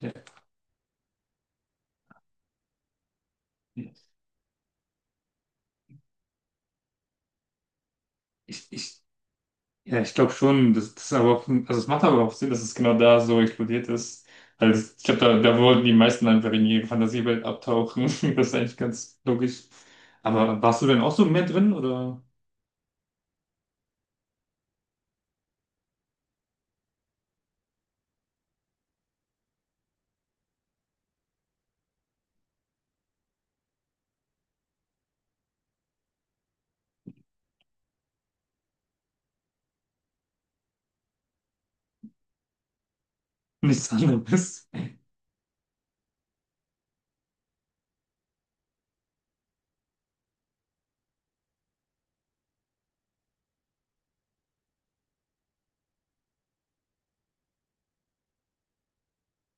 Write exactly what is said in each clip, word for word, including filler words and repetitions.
Ja, ich, ich, ja, ich glaube schon, das, das ist aber auch, also es macht aber auch Sinn, dass es genau da so explodiert ist. Also ich glaube, da, da wollten die meisten einfach in ihre Fantasiewelt abtauchen. Das ist eigentlich ganz logisch. Aber warst du denn auch so mehr drin oder nichts anderes?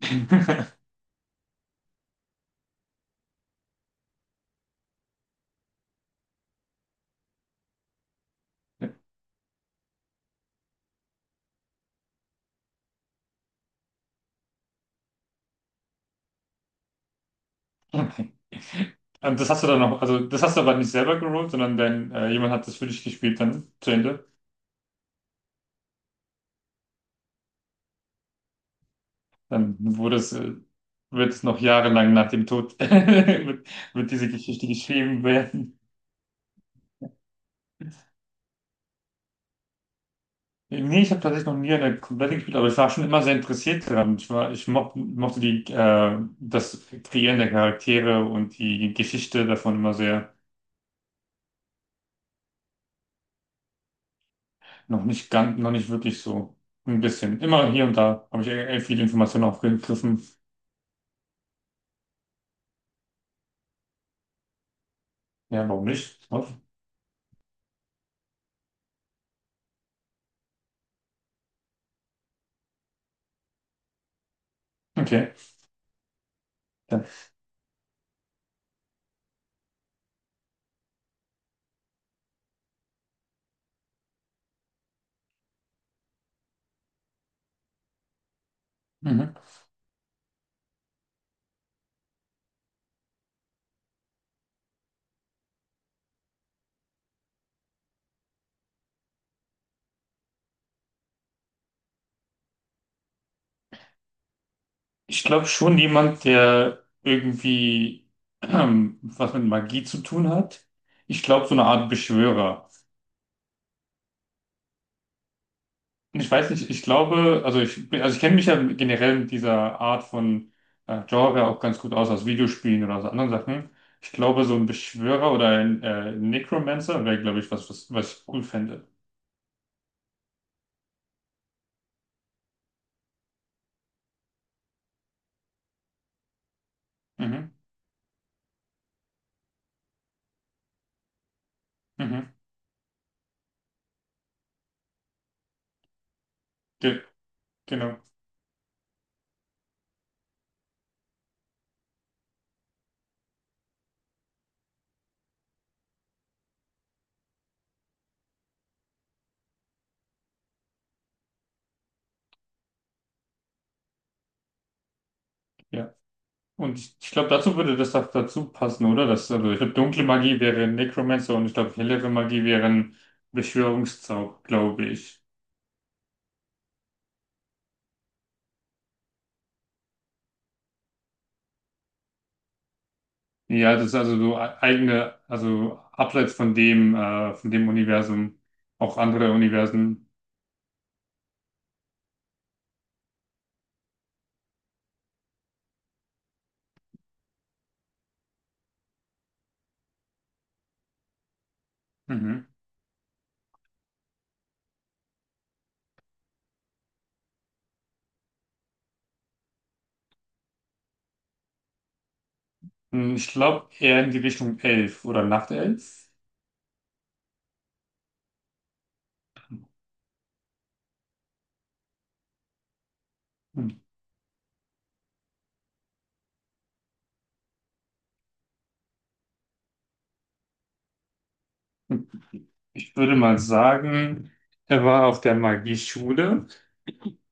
Und das hast du dann noch, also das hast du aber nicht selber gerollt, sondern dein, äh, jemand hat das für dich gespielt dann zu Ende. Dann wurde es, äh, wird es noch jahrelang nach dem Tod wird, wird diese Geschichte geschrieben werden. Nee, ich habe tatsächlich noch nie eine komplette gespielt, aber ich war schon immer sehr interessiert daran. Ich war, ich moch, mochte die, äh, das Kreieren der Charaktere und die Geschichte davon immer sehr. Noch nicht ganz, noch nicht wirklich so. Ein bisschen. Immer hier und da habe ich äh, viele Informationen aufgegriffen. Ja, warum nicht? Okay. Ja. Mhm. Ich glaube schon jemand, der irgendwie ähm, was mit Magie zu tun hat. Ich glaube so eine Art Beschwörer. Ich weiß nicht, ich glaube, also ich, bin- also ich kenne mich ja generell mit dieser Art von äh, Genre auch ganz gut aus, aus Videospielen oder aus anderen Sachen. Ich glaube, so ein Beschwörer oder ein äh, Necromancer wäre, glaube ich, was, was, was ich cool fände. Mhm, mhm, ge genau, ja. Und ich, ich glaube, dazu würde das doch dazu passen, oder? Das, also ich glaube, dunkle Magie wäre Necromancer und ich glaube, hellere Magie wären Beschwörungszauber, glaube ich. Ja, das ist also so e-, eigene, also abseits von dem, äh, von dem Universum, auch andere Universen. Mhm. Hm, ich glaube eher in die Richtung Elf oder Nachtelf. Hm. Ich würde mal sagen, er war auf der Magieschule,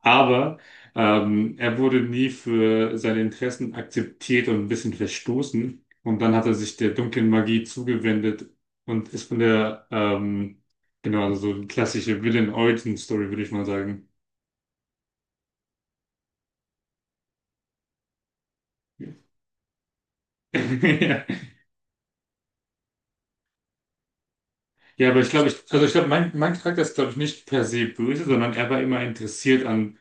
aber ähm, er wurde nie für seine Interessen akzeptiert und ein bisschen verstoßen. Und dann hat er sich der dunklen Magie zugewendet und ist von der, ähm, genau, also so eine klassische Villain-Origin-Story, würde ich mal sagen. Ja. Ja, aber ich glaube, ich, also ich glaube, mein, mein Charakter ist, glaube ich, nicht per se böse, sondern er war immer interessiert an,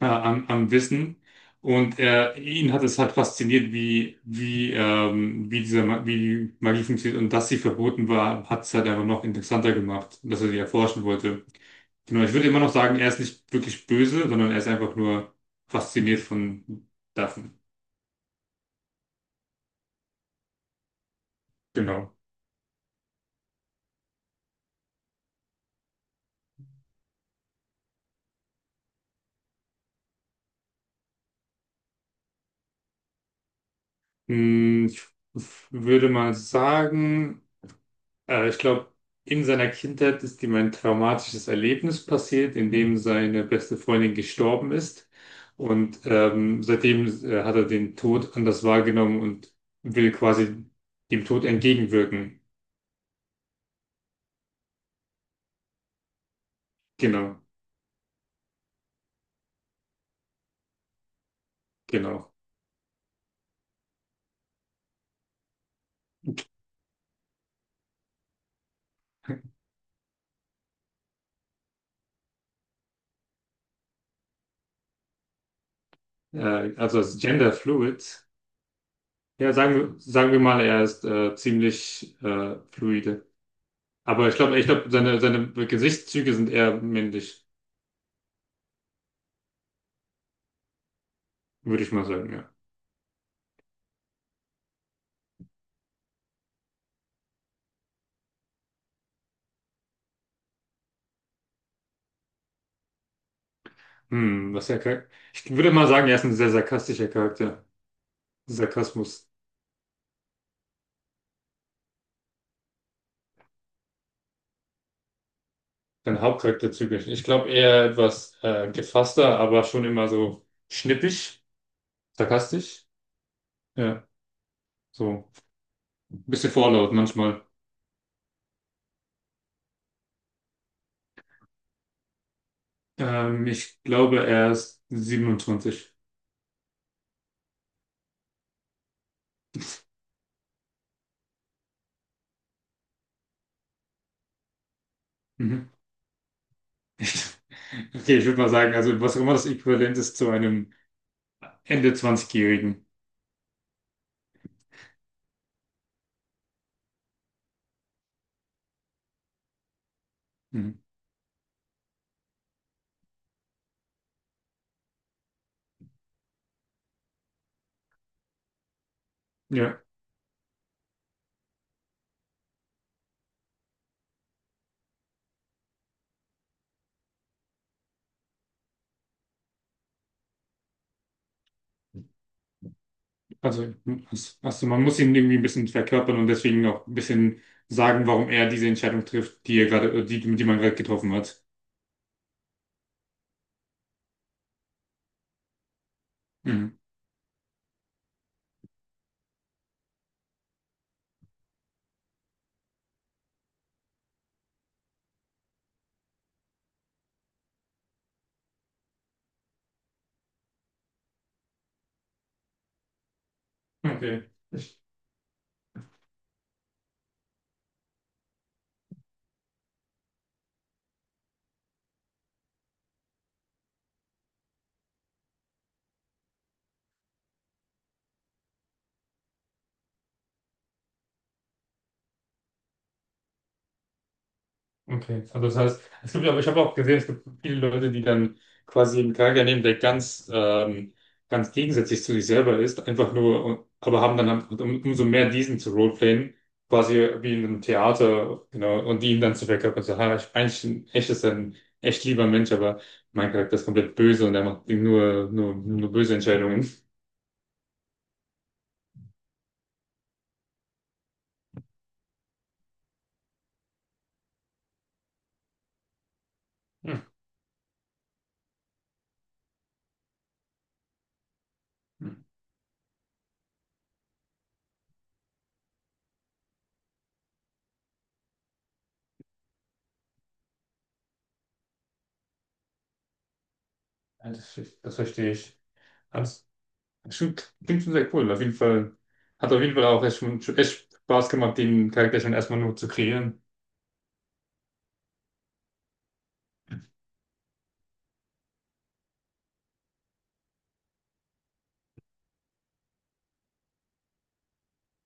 äh, am, am Wissen. Und er, ihn hat es halt fasziniert, wie, wie, ähm, wie diese, Ma- wie die Magie funktioniert. Und dass sie verboten war, hat es halt einfach noch interessanter gemacht, dass er sie erforschen wollte. Genau, ich würde immer noch sagen, er ist nicht wirklich böse, sondern er ist einfach nur fasziniert von davon. Genau. Hm, ich würde mal sagen, Äh, ich glaube, in seiner Kindheit ist ihm ein traumatisches Erlebnis passiert, in dem seine beste Freundin gestorben ist. Und ähm, seitdem äh, hat er den Tod anders wahrgenommen und will quasi dem Tod entgegenwirken. Genau, genau. Äh, also als Gender Fluid. Ja, sagen wir, sagen wir mal, er ist äh, ziemlich äh, fluide. Aber ich glaube, ich glaube, seine, seine Gesichtszüge sind eher männlich, würde ich mal sagen, ja. Hm, was er, char- Ich würde mal sagen, er ist ein sehr sarkastischer Charakter. Sarkasmus, sein Hauptcharakterzug. Ich glaube eher etwas äh, gefasster, aber schon immer so schnippisch, sarkastisch. Ja, so ein bisschen vorlaut manchmal. Ähm, ich glaube, er ist siebenundzwanzig. Mhm. Okay, ich würde mal sagen, also was auch immer das Äquivalent ist zu einem Ende zwanzig-Jährigen. Mhm. Ja. Also, also man muss ihn irgendwie ein bisschen verkörpern und deswegen auch ein bisschen sagen, warum er diese Entscheidung trifft, die er gerade, die, die man gerade getroffen hat. Mhm. Okay. Okay, also das heißt, es gibt ja, aber, ich habe auch gesehen, es gibt viele Leute, die dann quasi einen Charakter nehmen, der ganz, ähm, ganz gegensätzlich zu sich selber ist, einfach nur, aber haben dann halt um, umso mehr diesen zu roleplayen, quasi wie in einem Theater, genau, und die ihn dann zu verkörpern, so, ha, ich, eigentlich ein echtes, ein echt lieber Mensch, aber mein Charakter ist komplett böse und er macht nur, nur, nur böse Entscheidungen. Hm. Hm. Ja, Das, das verstehe ich. Stimmt, klingt schon sehr cool. Auf jeden Fall hat auf jeden Fall auch echt, schon- schon echt Spaß gemacht, den Charakter schon erstmal nur zu kreieren.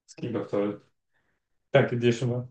Das klingt doch toll. Danke dir schon mal.